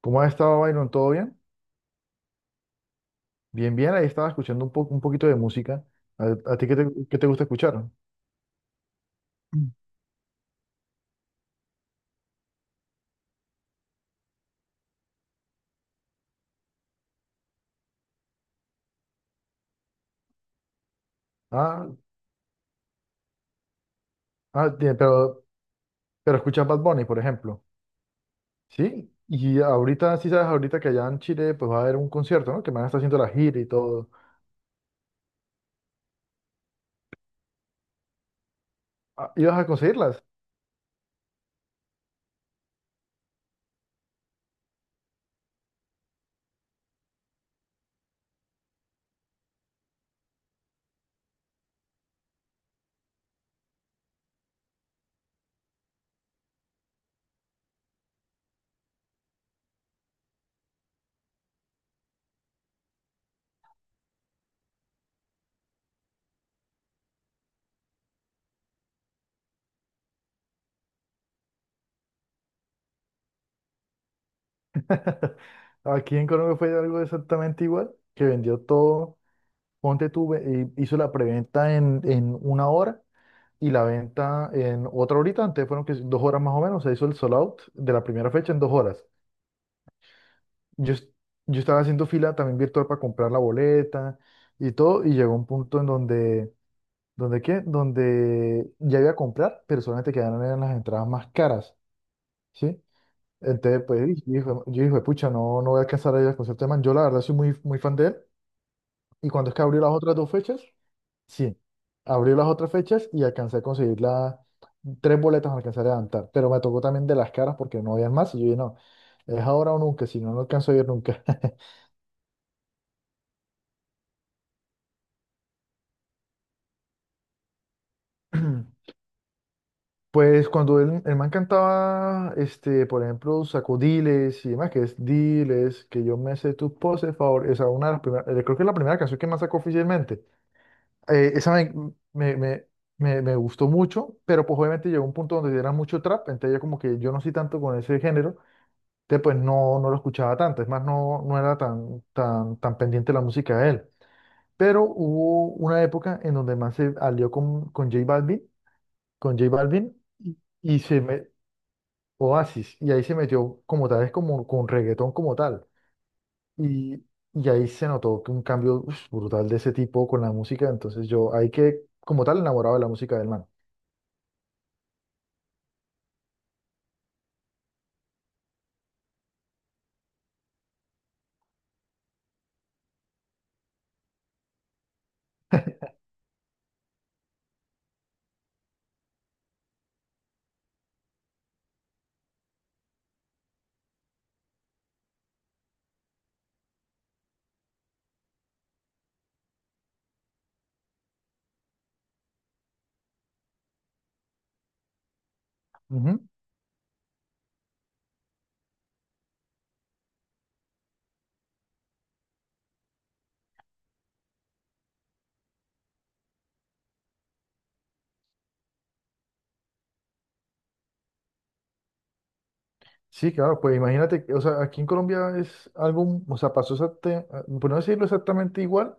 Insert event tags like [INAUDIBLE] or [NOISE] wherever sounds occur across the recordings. ¿Cómo has estado, Byron? ¿Todo bien? Bien, bien. Ahí estaba escuchando un poco, un poquito de música. ¿A ti qué te gusta escuchar? Mm. Ah, ah, pero escuchas Bad Bunny, por ejemplo. Sí. Y ahorita, sí sabes, ahorita que allá en Chile, pues va a haber un concierto, ¿no? Que me van a estar haciendo la gira y todo. Ah, ¿ibas a conseguirlas? [LAUGHS] Aquí en Colombia fue algo exactamente igual, que vendió todo. Ponte tú, hizo la preventa en una hora y la venta en otra horita, antes fueron que 2 horas más o menos, se hizo el sold out de la primera fecha en 2 horas. Yo, es- yo estaba haciendo fila también virtual para comprar la boleta y todo, y llegó un punto en donde, ¿donde qué? Donde ya iba a comprar, pero solamente quedaron eran las entradas más caras, ¿sí? Entonces, pues, yo dije, pucha, no, no voy a alcanzar a ir al concierto de Man. Yo, la verdad, soy muy, muy fan de él. Y cuando es que abrió las otras dos fechas, sí, abrí las otras fechas y alcancé a conseguir las tres boletas, me alcancé a levantar, pero me tocó también de las caras porque no habían más y yo dije, no, es ahora o nunca, si no, no alcanzo a ir nunca. [LAUGHS] [CLEARS THROAT] Pues cuando el man cantaba, este, por ejemplo, sacó Diles y demás, que es Diles, que yo me sé tus poses, favor, esa una de las primeras, creo que es la primera canción que más sacó oficialmente. Esa me, me, me gustó mucho, pero pues obviamente llegó un punto donde era mucho trap, entonces ya como que yo no soy tanto con ese género. Entonces, pues no, no lo escuchaba tanto, es más, no, no era tan, tan, tan pendiente la música de él. Pero hubo una época en donde más se alió con J Balvin, con J Balvin y se me, Oasis, y ahí se metió como tal, es como con reggaetón como tal. Y, y ahí se notó que un cambio uf, brutal de ese tipo con la música, entonces yo ahí que como tal enamorado de la música del man. Ujú. Sí, claro, pues imagínate, o sea, aquí en Colombia es algo, o sea, pasó exactamente, por no decirlo exactamente igual,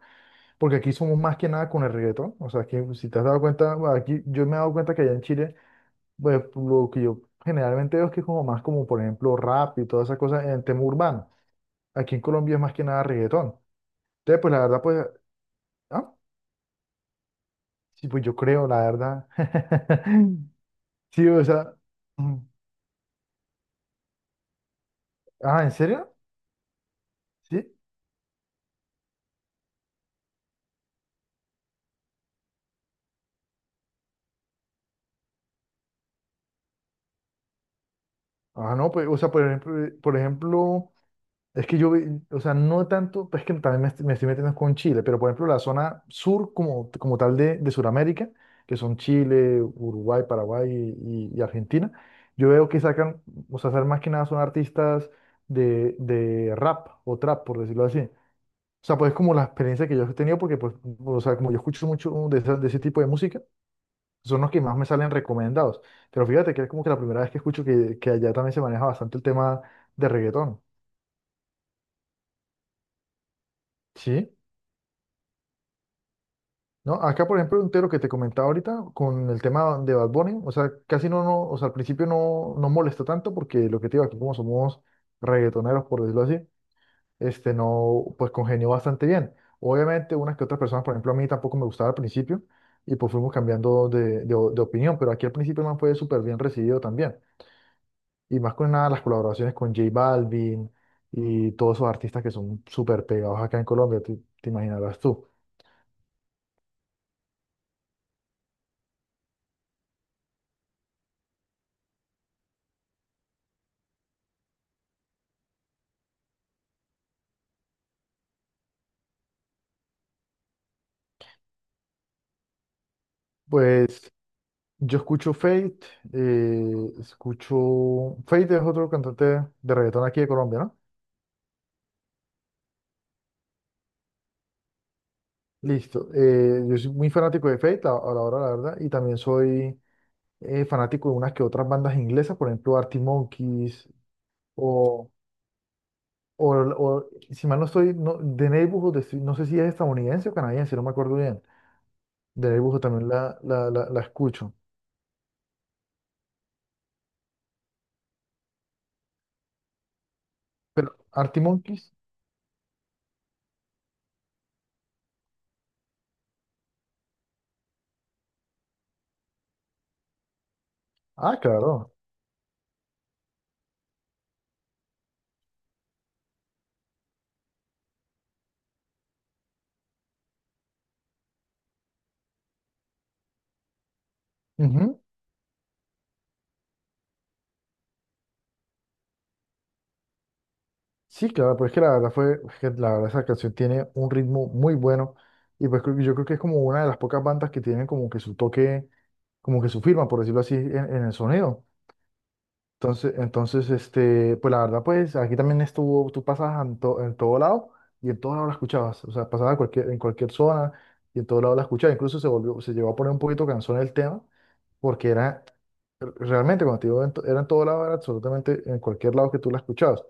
porque aquí somos más que nada con el reggaetón. O sea, que si te has dado cuenta, bueno, aquí yo me he dado cuenta que allá en Chile, pues lo que yo generalmente veo es que es como más como, por ejemplo, rap y todas esas cosas en el tema urbano. Aquí en Colombia es más que nada reggaetón. Entonces, pues la verdad, pues, ah, sí, pues yo creo, la verdad. [LAUGHS] Sí, o sea. Mm. Ah, ¿en serio? Sí. Ah, no, pues, o sea, por ejemplo, por ejemplo. Es que yo, o sea, no tanto, pues que también me estoy metiendo con Chile, pero por ejemplo la zona sur como tal de Sudamérica, que son Chile, Uruguay, Paraguay y Argentina, yo veo que sacan, o sea, sacan más que nada son artistas de rap o trap, por decirlo así. O sea, pues es como la experiencia que yo he tenido, porque pues, o sea, como yo escucho mucho de ese tipo de música, son los que más me salen recomendados. Pero fíjate que es como que la primera vez que escucho que allá también se maneja bastante el tema de reggaetón, ¿sí? No, acá por ejemplo un tero que te comentaba ahorita con el tema de Bad Bunny, o sea, casi no, no, o sea, al principio no, no molesta tanto porque lo que te digo aquí como somos reggaetoneros, por decirlo así, este no, pues congenió bastante bien. Obviamente unas que otras personas, por ejemplo, a mí tampoco me gustaba al principio y pues fuimos cambiando de opinión, pero aquí al principio el man fue súper bien recibido también. Y más con nada las colaboraciones con J Balvin y todos esos artistas que son súper pegados acá en Colombia, te imaginarás tú. Pues yo escucho Fate, escucho. Fate es otro cantante de reggaetón aquí de Colombia, ¿no? Listo. Yo soy muy fanático de Fate, a la hora, la verdad, y también soy fanático de unas que otras bandas inglesas, por ejemplo, Arctic Monkeys, o, o, si mal no estoy, no, The Neighborhood, no sé si es estadounidense o canadiense, si no me acuerdo bien. The Neighborhood también la escucho. Pero Arctic Monkeys, ah, claro. Ujú. Sí, claro, pero es que es que la verdad esa canción tiene un ritmo muy bueno y pues creo yo creo que es como una de las pocas bandas que tienen como que su toque, como que su firma, por decirlo así, en el sonido. Entonces, este, pues la verdad, pues aquí también estuvo, tú pasabas en todo lado y en todo lado la escuchabas, o sea, pasaba en cualquier zona y en todo lado la escuchabas, incluso se volvió, se llegó a poner un poquito cansón el tema porque era, realmente cuando te digo era en todo lado, era absolutamente en cualquier lado que tú la escuchabas.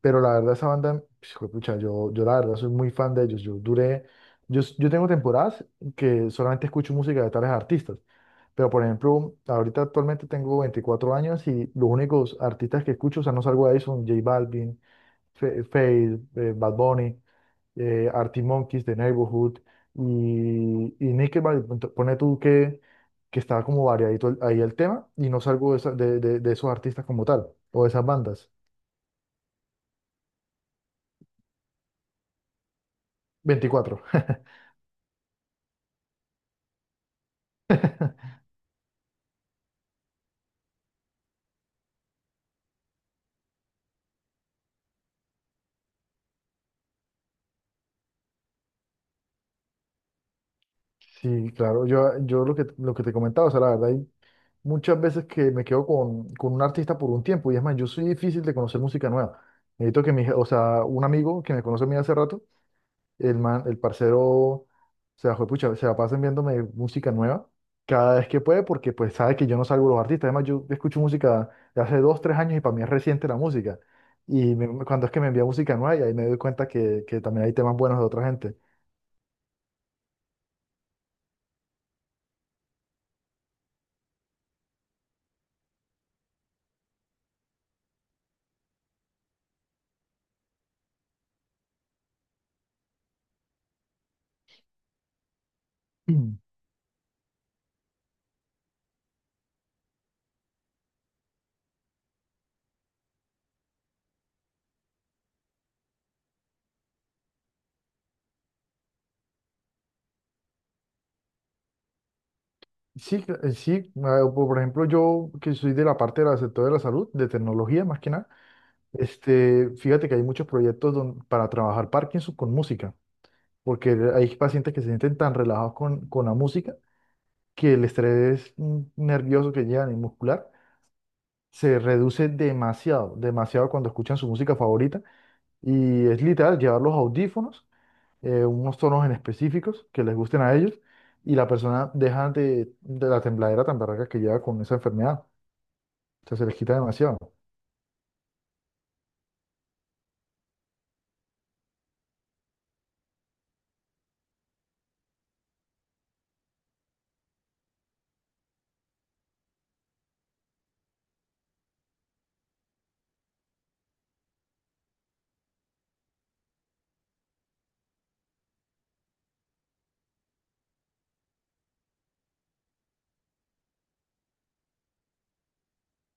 Pero la verdad, esa banda, pues, juepucha, yo la verdad soy muy fan de ellos. Yo duré, yo tengo temporadas que solamente escucho música de tales artistas. Pero, por ejemplo, ahorita actualmente tengo 24 años y los únicos artistas que escucho, o sea, no salgo de ahí, son J Balvin, Feid, Bad Bunny, Arctic Monkeys, The Neighborhood y Nickelback. Pone tú que está como variadito ahí el tema y no salgo de, esa- de esos artistas como tal o de esas bandas. 24. [LAUGHS] Sí, claro, yo lo que, te comentaba, o sea, la verdad, hay muchas veces que me quedo con un artista por un tiempo, y es más, yo soy difícil de conocer música nueva. Necesito que o sea, un amigo que me conoce a mí hace rato, el man, el parcero, o sea, juepucha, se la pasa enviándome música nueva cada vez que puede, porque pues sabe que yo no salgo de los artistas. Además, yo escucho música de hace dos, tres años y para mí es reciente la música. Y cuando es que me envía música nueva, y ahí me doy cuenta que también hay temas buenos de otra gente. [CLEARS THROAT] Sí, sí, ah, por ejemplo, yo que soy de la parte del sector de la salud, de tecnología más que nada, este, fíjate que hay muchos proyectos para trabajar Parkinson con música, porque hay pacientes que se sienten tan relajados con la música que el estrés nervioso que llevan y muscular se reduce demasiado, demasiado cuando escuchan su música favorita y es literal llevar los audífonos, unos tonos en específicos que les gusten a ellos y la persona deja de la tembladera tan barraca que lleva con esa enfermedad. O sea, se les quita demasiado.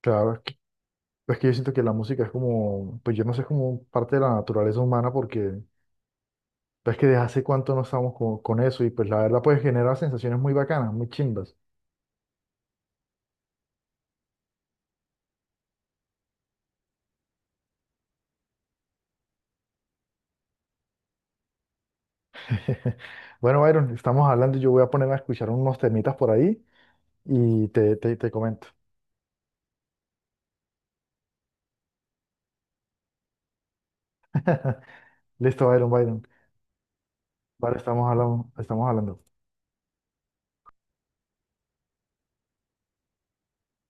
Claro, es que yo siento que la música es como, pues yo no sé, es como parte de la naturaleza humana porque pues que desde hace cuánto no estamos con eso y pues la verdad pues genera sensaciones muy bacanas, muy chimbas. [LAUGHS] Bueno, Byron, estamos hablando, yo voy a ponerme a escuchar unos temitas por ahí y te comento. [LAUGHS] Listo, Byron, Byron. Vale, estamos hablando, estamos hablando.